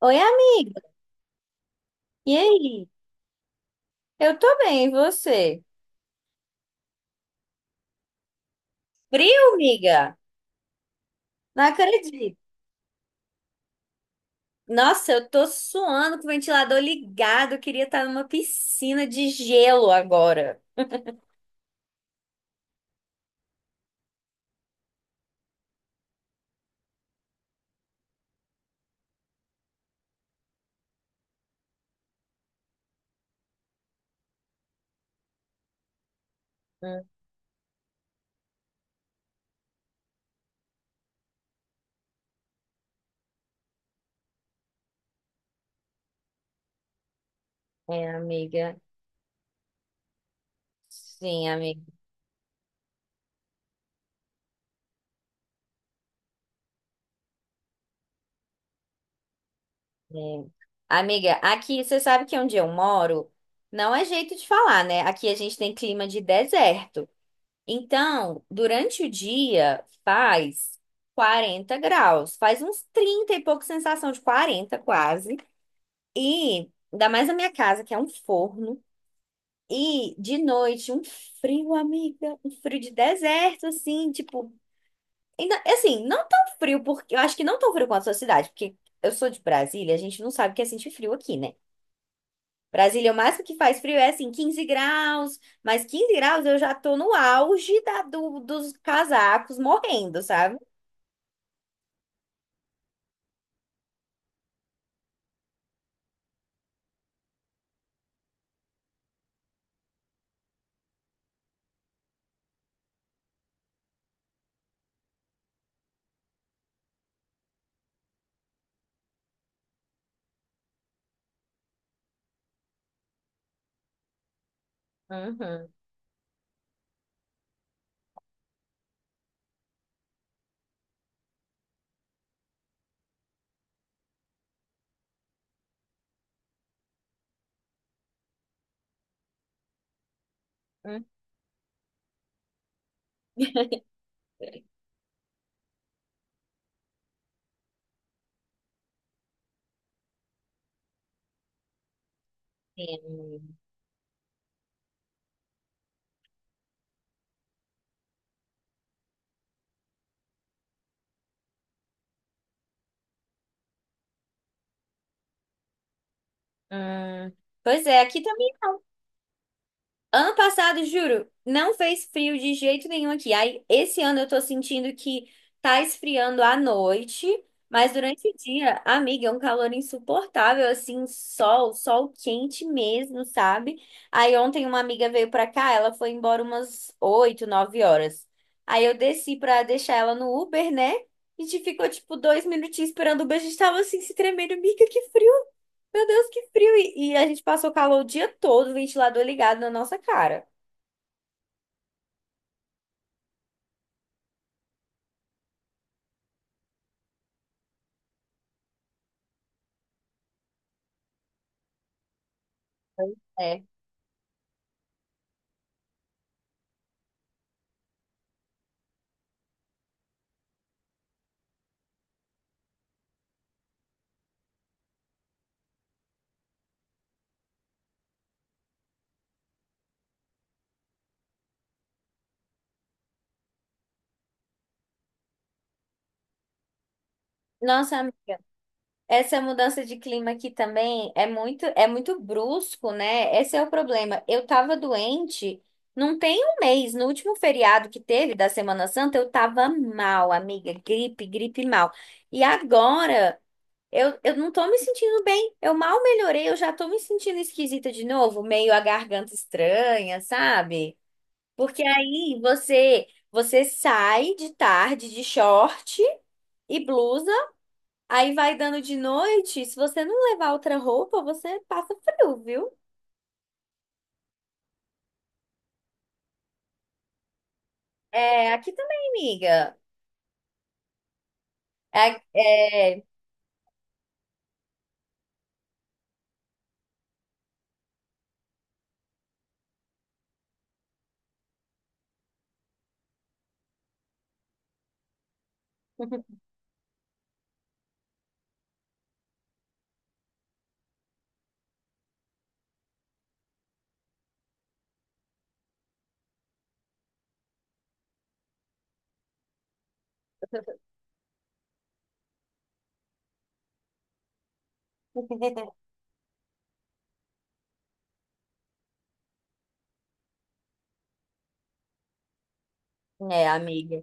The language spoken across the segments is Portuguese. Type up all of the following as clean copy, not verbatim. Oi, amiga. E aí? Eu tô bem, e você? Frio, amiga? Não acredito. Nossa, eu tô suando com o ventilador ligado. Eu queria estar numa piscina de gelo agora. Hum, É, amiga. Sim, amiga. É. Amiga, aqui você sabe que onde eu moro não é jeito de falar, né? Aqui a gente tem clima de deserto. Então, durante o dia faz 40 graus, faz uns 30 e pouco sensação de 40 quase. E ainda mais na minha casa, que é um forno. E de noite, um frio, amiga. Um frio de deserto, assim, tipo. Ainda, assim, não tão frio, porque eu acho que não tão frio quanto a sua cidade, porque eu sou de Brasília, a gente não sabe o que é sentir frio aqui, né? Brasília, o máximo que faz frio é assim, 15 graus, mas 15 graus eu já tô no auge dos casacos morrendo, sabe? Uhum. Entendo. Hum, pois é, aqui também. Ano passado, juro, não fez frio de jeito nenhum aqui. Aí, esse ano eu tô sentindo que tá esfriando à noite, mas durante o dia, amiga, é um calor insuportável, assim, sol, sol quente mesmo, sabe? Aí ontem uma amiga veio pra cá, ela foi embora umas 8, 9 horas. Aí eu desci pra deixar ela no Uber, né? A gente ficou, tipo, 2 minutinhos esperando o Uber, a gente tava assim, se tremendo, amiga, que frio meu Deus, que frio! E a gente passou calor o dia todo, o ventilador ligado na nossa cara. É. Nossa, essa mudança de clima aqui também é muito brusco, né? Esse é o problema. Eu tava doente, não tem um mês, no último feriado que teve da Semana Santa, eu tava mal, amiga, gripe, gripe mal. E agora eu não tô me sentindo bem. Eu mal melhorei, eu já tô me sentindo esquisita de novo, meio a garganta estranha, sabe? Porque aí você sai de tarde de short e blusa, aí vai dando de noite. Se você não levar outra roupa, você passa frio, viu? É, aqui também, amiga. É, é... É, amiga.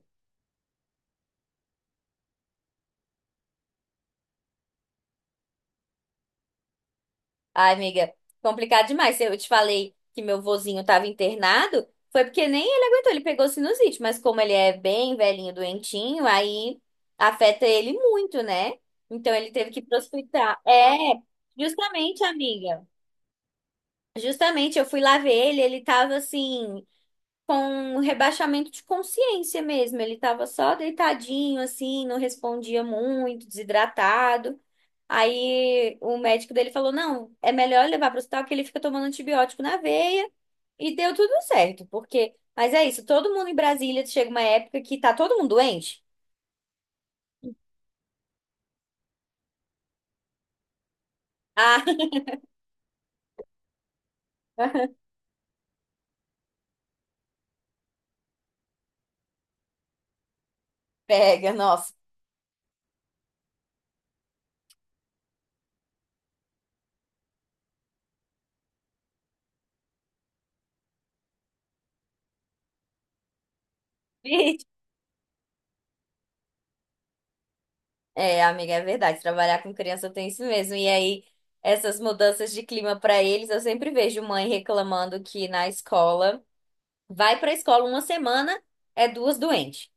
Ai, amiga, complicado demais. Eu te falei que meu vozinho estava internado, foi porque nem ele aguentou, ele pegou sinusite, mas como ele é bem velhinho, doentinho, aí afeta ele muito, né? Então ele teve que ir pro hospital. É, justamente, amiga. Justamente, eu fui lá ver ele, ele tava assim, com um rebaixamento de consciência mesmo. Ele tava só deitadinho, assim, não respondia muito, desidratado. Aí o médico dele falou: não, é melhor levar para o hospital que ele fica tomando antibiótico na veia. E deu tudo certo, porque. Mas é isso, todo mundo em Brasília chega uma época que tá todo mundo doente. Ah, pega, nossa. Gente. É, amiga, é verdade. Trabalhar com criança tem isso mesmo. E aí, essas mudanças de clima para eles, eu sempre vejo mãe reclamando que na escola vai para a escola uma semana, é duas doentes.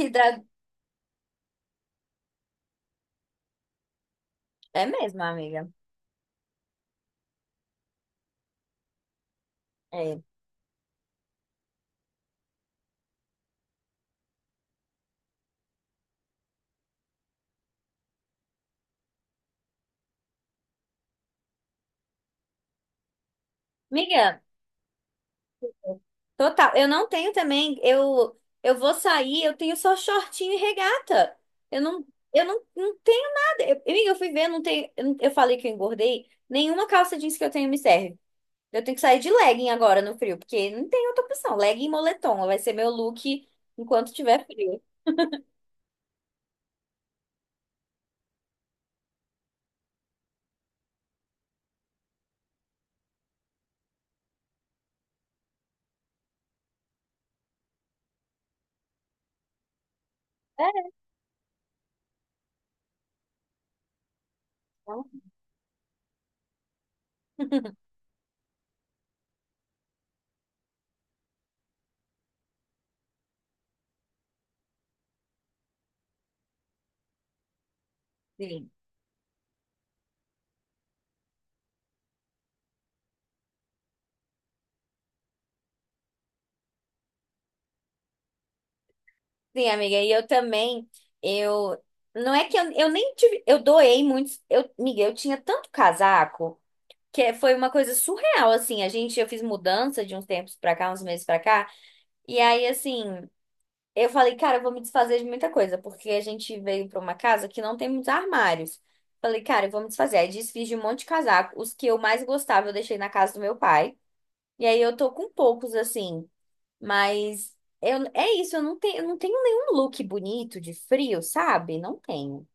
E dá... É mesmo, amiga. É. Amiga, total, eu não tenho também, eu vou sair, eu tenho só shortinho e regata. Eu não eu não tenho nada. Eu, amiga, eu fui ver, não tenho, eu, não- eu falei que eu engordei, nenhuma calça jeans que eu tenho me serve. Eu tenho que sair de legging agora no frio, porque não tem outra opção. Legging e moletom vai ser meu look enquanto tiver frio. É, então, Sim. Sim, amiga, e eu também, eu, não é que eu nem tive, eu doei muitos, eu, amiga, eu tinha tanto casaco, que é- foi uma coisa surreal, assim. A gente, eu fiz mudança de uns tempos pra cá, uns meses pra cá. E aí, assim, eu falei, cara, eu vou me desfazer de muita coisa, porque a gente veio pra uma casa que não tem muitos armários. Falei, cara, eu vou me desfazer. Aí desfiz de um monte de casaco. Os que eu mais gostava, eu deixei na casa do meu pai. E aí eu tô com poucos, assim. Mas eu, é isso, eu não tenho nenhum look bonito de frio, sabe? Não tenho.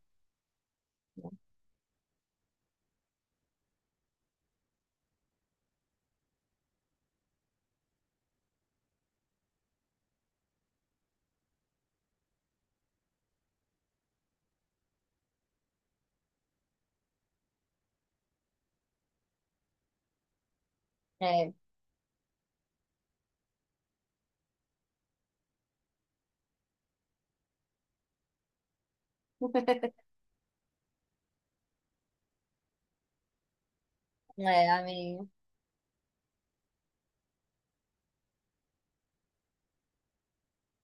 É, é, amiga.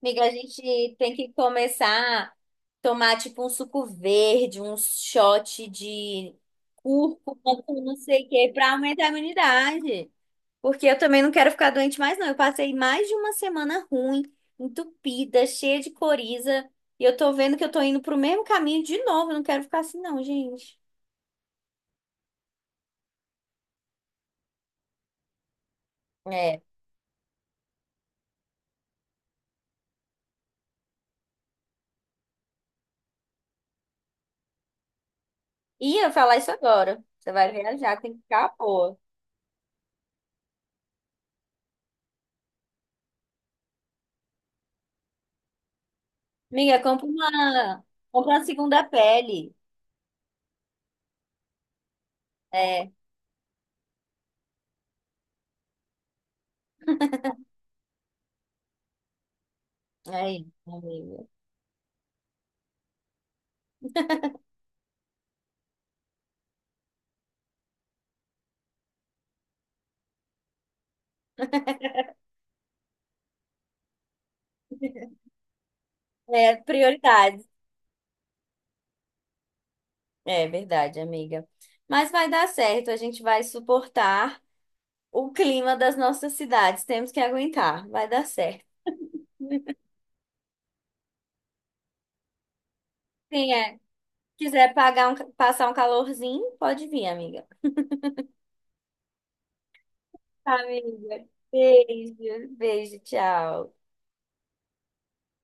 Amiga, a gente tem que começar a tomar tipo um suco verde, um shot de cúrcuma com não sei o que, pra aumentar a imunidade. Porque eu também não quero ficar doente mais, não. Eu passei mais de uma semana ruim, entupida, cheia de coriza. E eu tô vendo que eu tô indo pro mesmo caminho de novo. Eu não quero ficar assim, não, gente. É. Ia falar isso agora. Você vai viajar, tem que ficar boa. Amiga, compra uma, Compra uma segunda pele. É, aí, amiga. É prioridade. É verdade, amiga. Mas vai dar certo, a gente vai suportar o clima das nossas cidades. Temos que aguentar, vai dar certo. Sim, é. Quiser pagar um, passar um calorzinho, pode vir, amiga. Amiga, beijo, beijo, tchau.